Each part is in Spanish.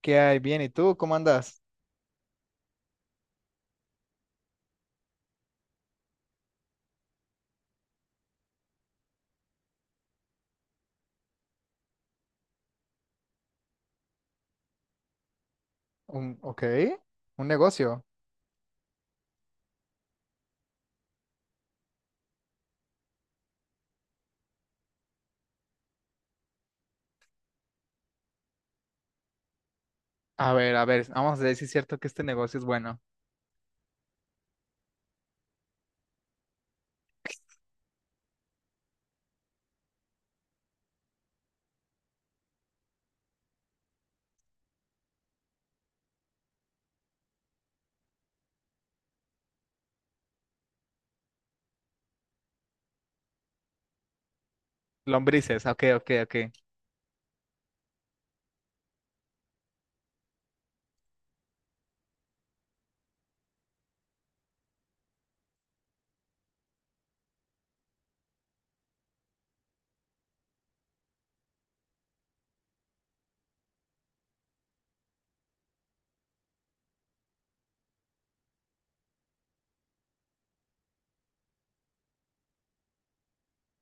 ¿Qué hay? Bien, ¿y tú cómo andas? Un, ok, un negocio. A ver, vamos a ver si es cierto que este negocio es bueno. Lombrices, ok, ok, ok.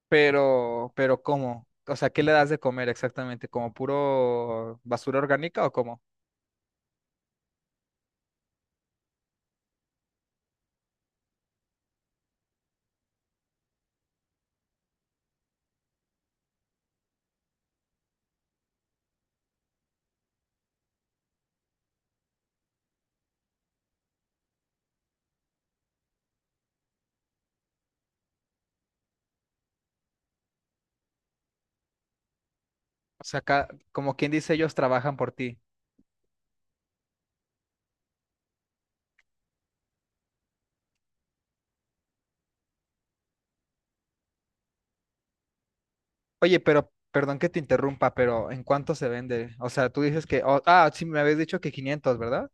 Pero ¿cómo? O sea, ¿qué le das de comer exactamente? ¿Como puro basura orgánica o cómo? O sea, acá, como quien dice, ellos trabajan por ti. Oye, pero, perdón que te interrumpa, pero ¿en cuánto se vende? O sea, tú dices que, oh, ah, sí, me habías dicho que 500, ¿verdad?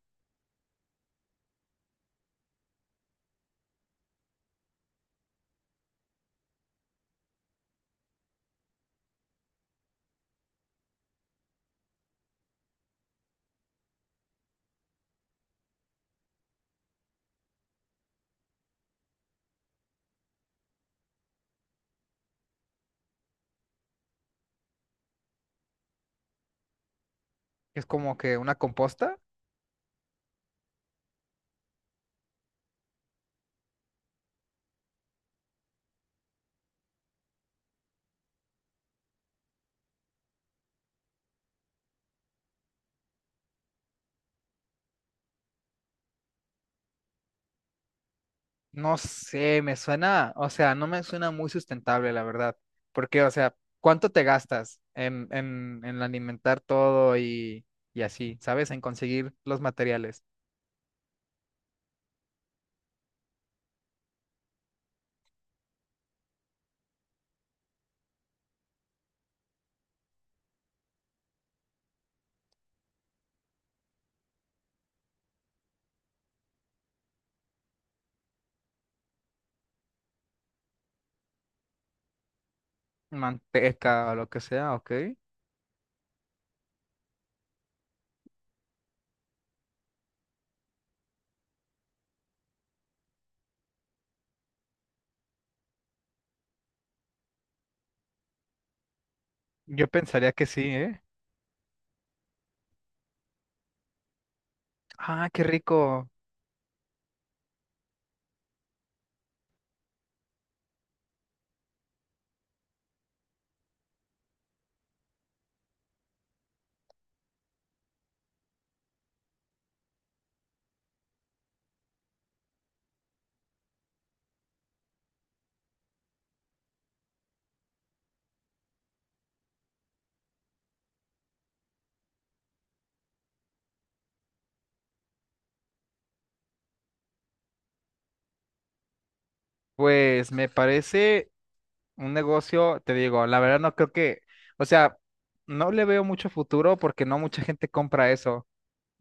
Es como que una composta. No sé, me suena, o sea, no me suena muy sustentable, la verdad. Porque, o sea, ¿cuánto te gastas en alimentar todo y así, ¿sabes? En conseguir los materiales, manteca o lo que sea, ¿ok? Yo pensaría que sí, ¿eh? Ah, qué rico. Pues me parece un negocio, te digo, la verdad no creo que, o sea, no le veo mucho futuro porque no mucha gente compra eso.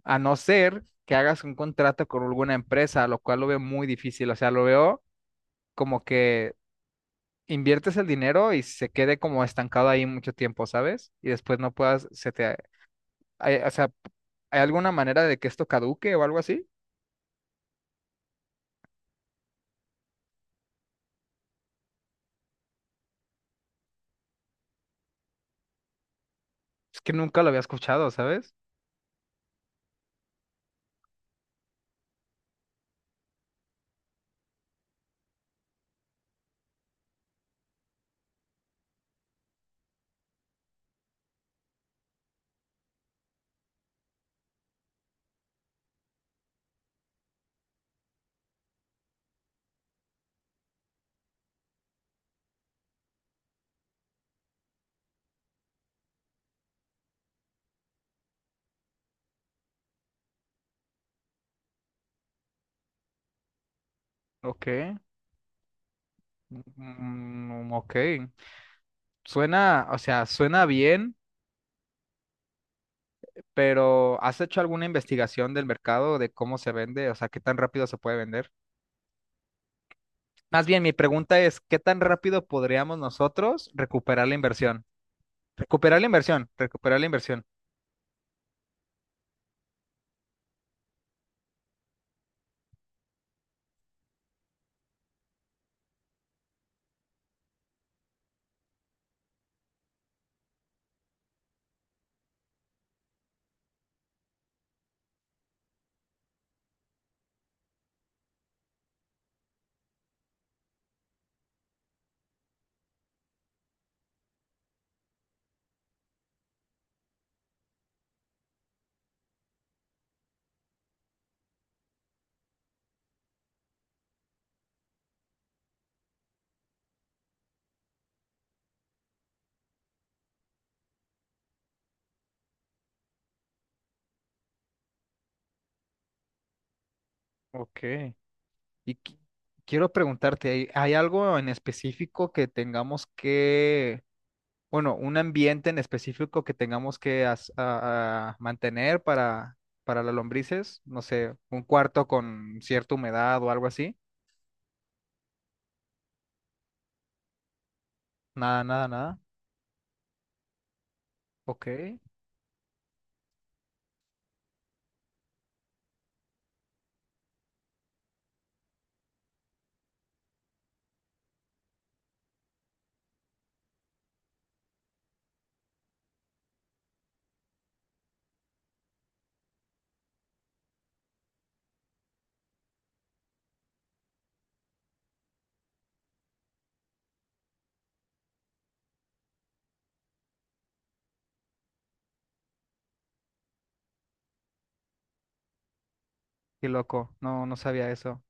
A no ser que hagas un contrato con alguna empresa, lo cual lo veo muy difícil. O sea, lo veo como que inviertes el dinero y se quede como estancado ahí mucho tiempo, ¿sabes? Y después no puedas, se te, o sea, ¿hay alguna manera de que esto caduque o algo así? Es que nunca lo había escuchado, ¿sabes? Ok, mm, mm, ok. Suena, o sea, suena bien, pero ¿has hecho alguna investigación del mercado de cómo se vende? O sea, ¿qué tan rápido se puede vender? Más bien, mi pregunta es, ¿qué tan rápido podríamos nosotros recuperar la inversión? Recuperar la inversión, recuperar la inversión. Ok. Y qui- quiero preguntarte, ¿hay, hay algo en específico que tengamos que, bueno, un ambiente en específico que tengamos que a mantener para las lombrices? No sé, un cuarto con cierta humedad o algo así. Nada, nada, nada. Ok. Qué loco. No, no sabía eso.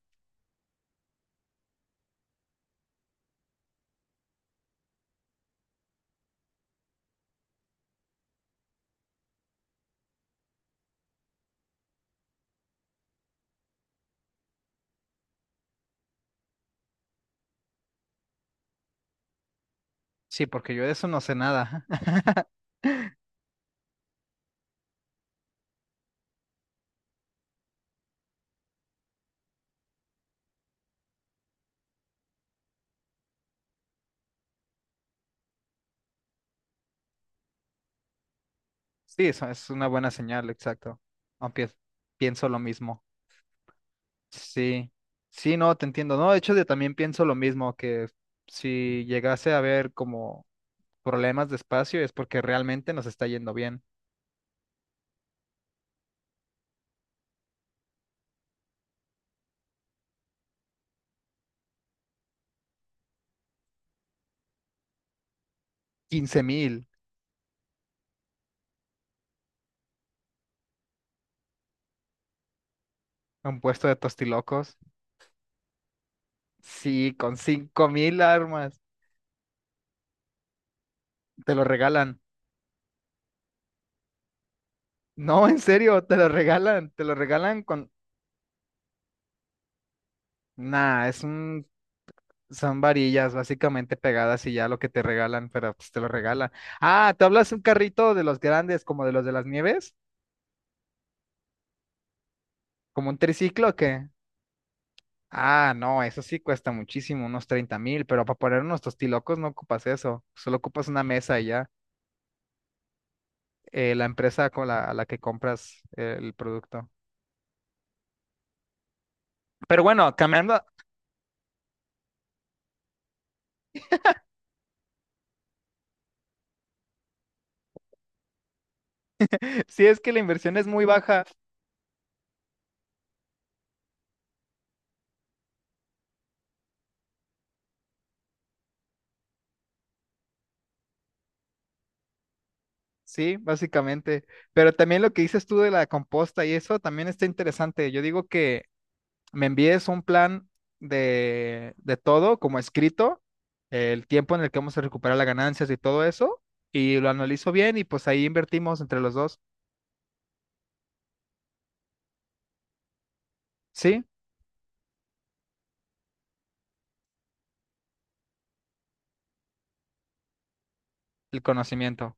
Sí, porque yo de eso no sé nada. Sí, eso es una buena señal, exacto. Aunque pienso lo mismo. Sí, sí, no, te entiendo. No, de hecho, yo también pienso lo mismo, que si llegase a haber como problemas de espacio es porque realmente nos está yendo bien. 15,000, un puesto de tostilocos. Sí, con 5,000 armas. Te lo regalan. No, en serio, te lo regalan. Te lo regalan con... Nah, es un. Son varillas básicamente pegadas y ya lo que te regalan, pero pues te lo regalan. Ah, ¿tú hablas de un carrito de los grandes, como de los de las nieves? ¿Como un triciclo o qué? Ah, no, eso sí cuesta muchísimo, unos 30,000, pero para poner unos tostilocos no ocupas eso, solo ocupas una mesa y ya, la empresa con la, a la que compras el producto. Pero bueno, cambiando, sí es que la inversión es muy baja, sí, básicamente, pero también lo que dices tú de la composta y eso también está interesante. Yo digo que me envíes un plan de todo como escrito, el tiempo en el que vamos a recuperar las ganancias y todo eso, y lo analizo bien y pues ahí invertimos entre los dos, ¿sí? El conocimiento.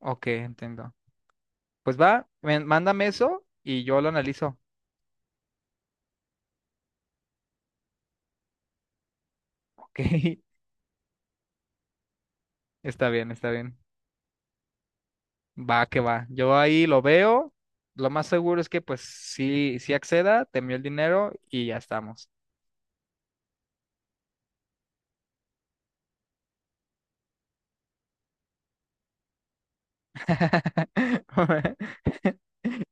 Ok, entiendo. Pues va, mándame eso y yo lo analizo. Ok, está bien, está bien. Va, que va. Yo ahí lo veo. Lo más seguro es que pues sí, sí acceda, te envío el dinero y ya estamos.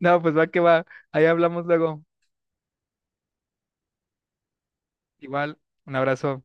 No, pues va que va. Ahí hablamos luego. Igual, un abrazo.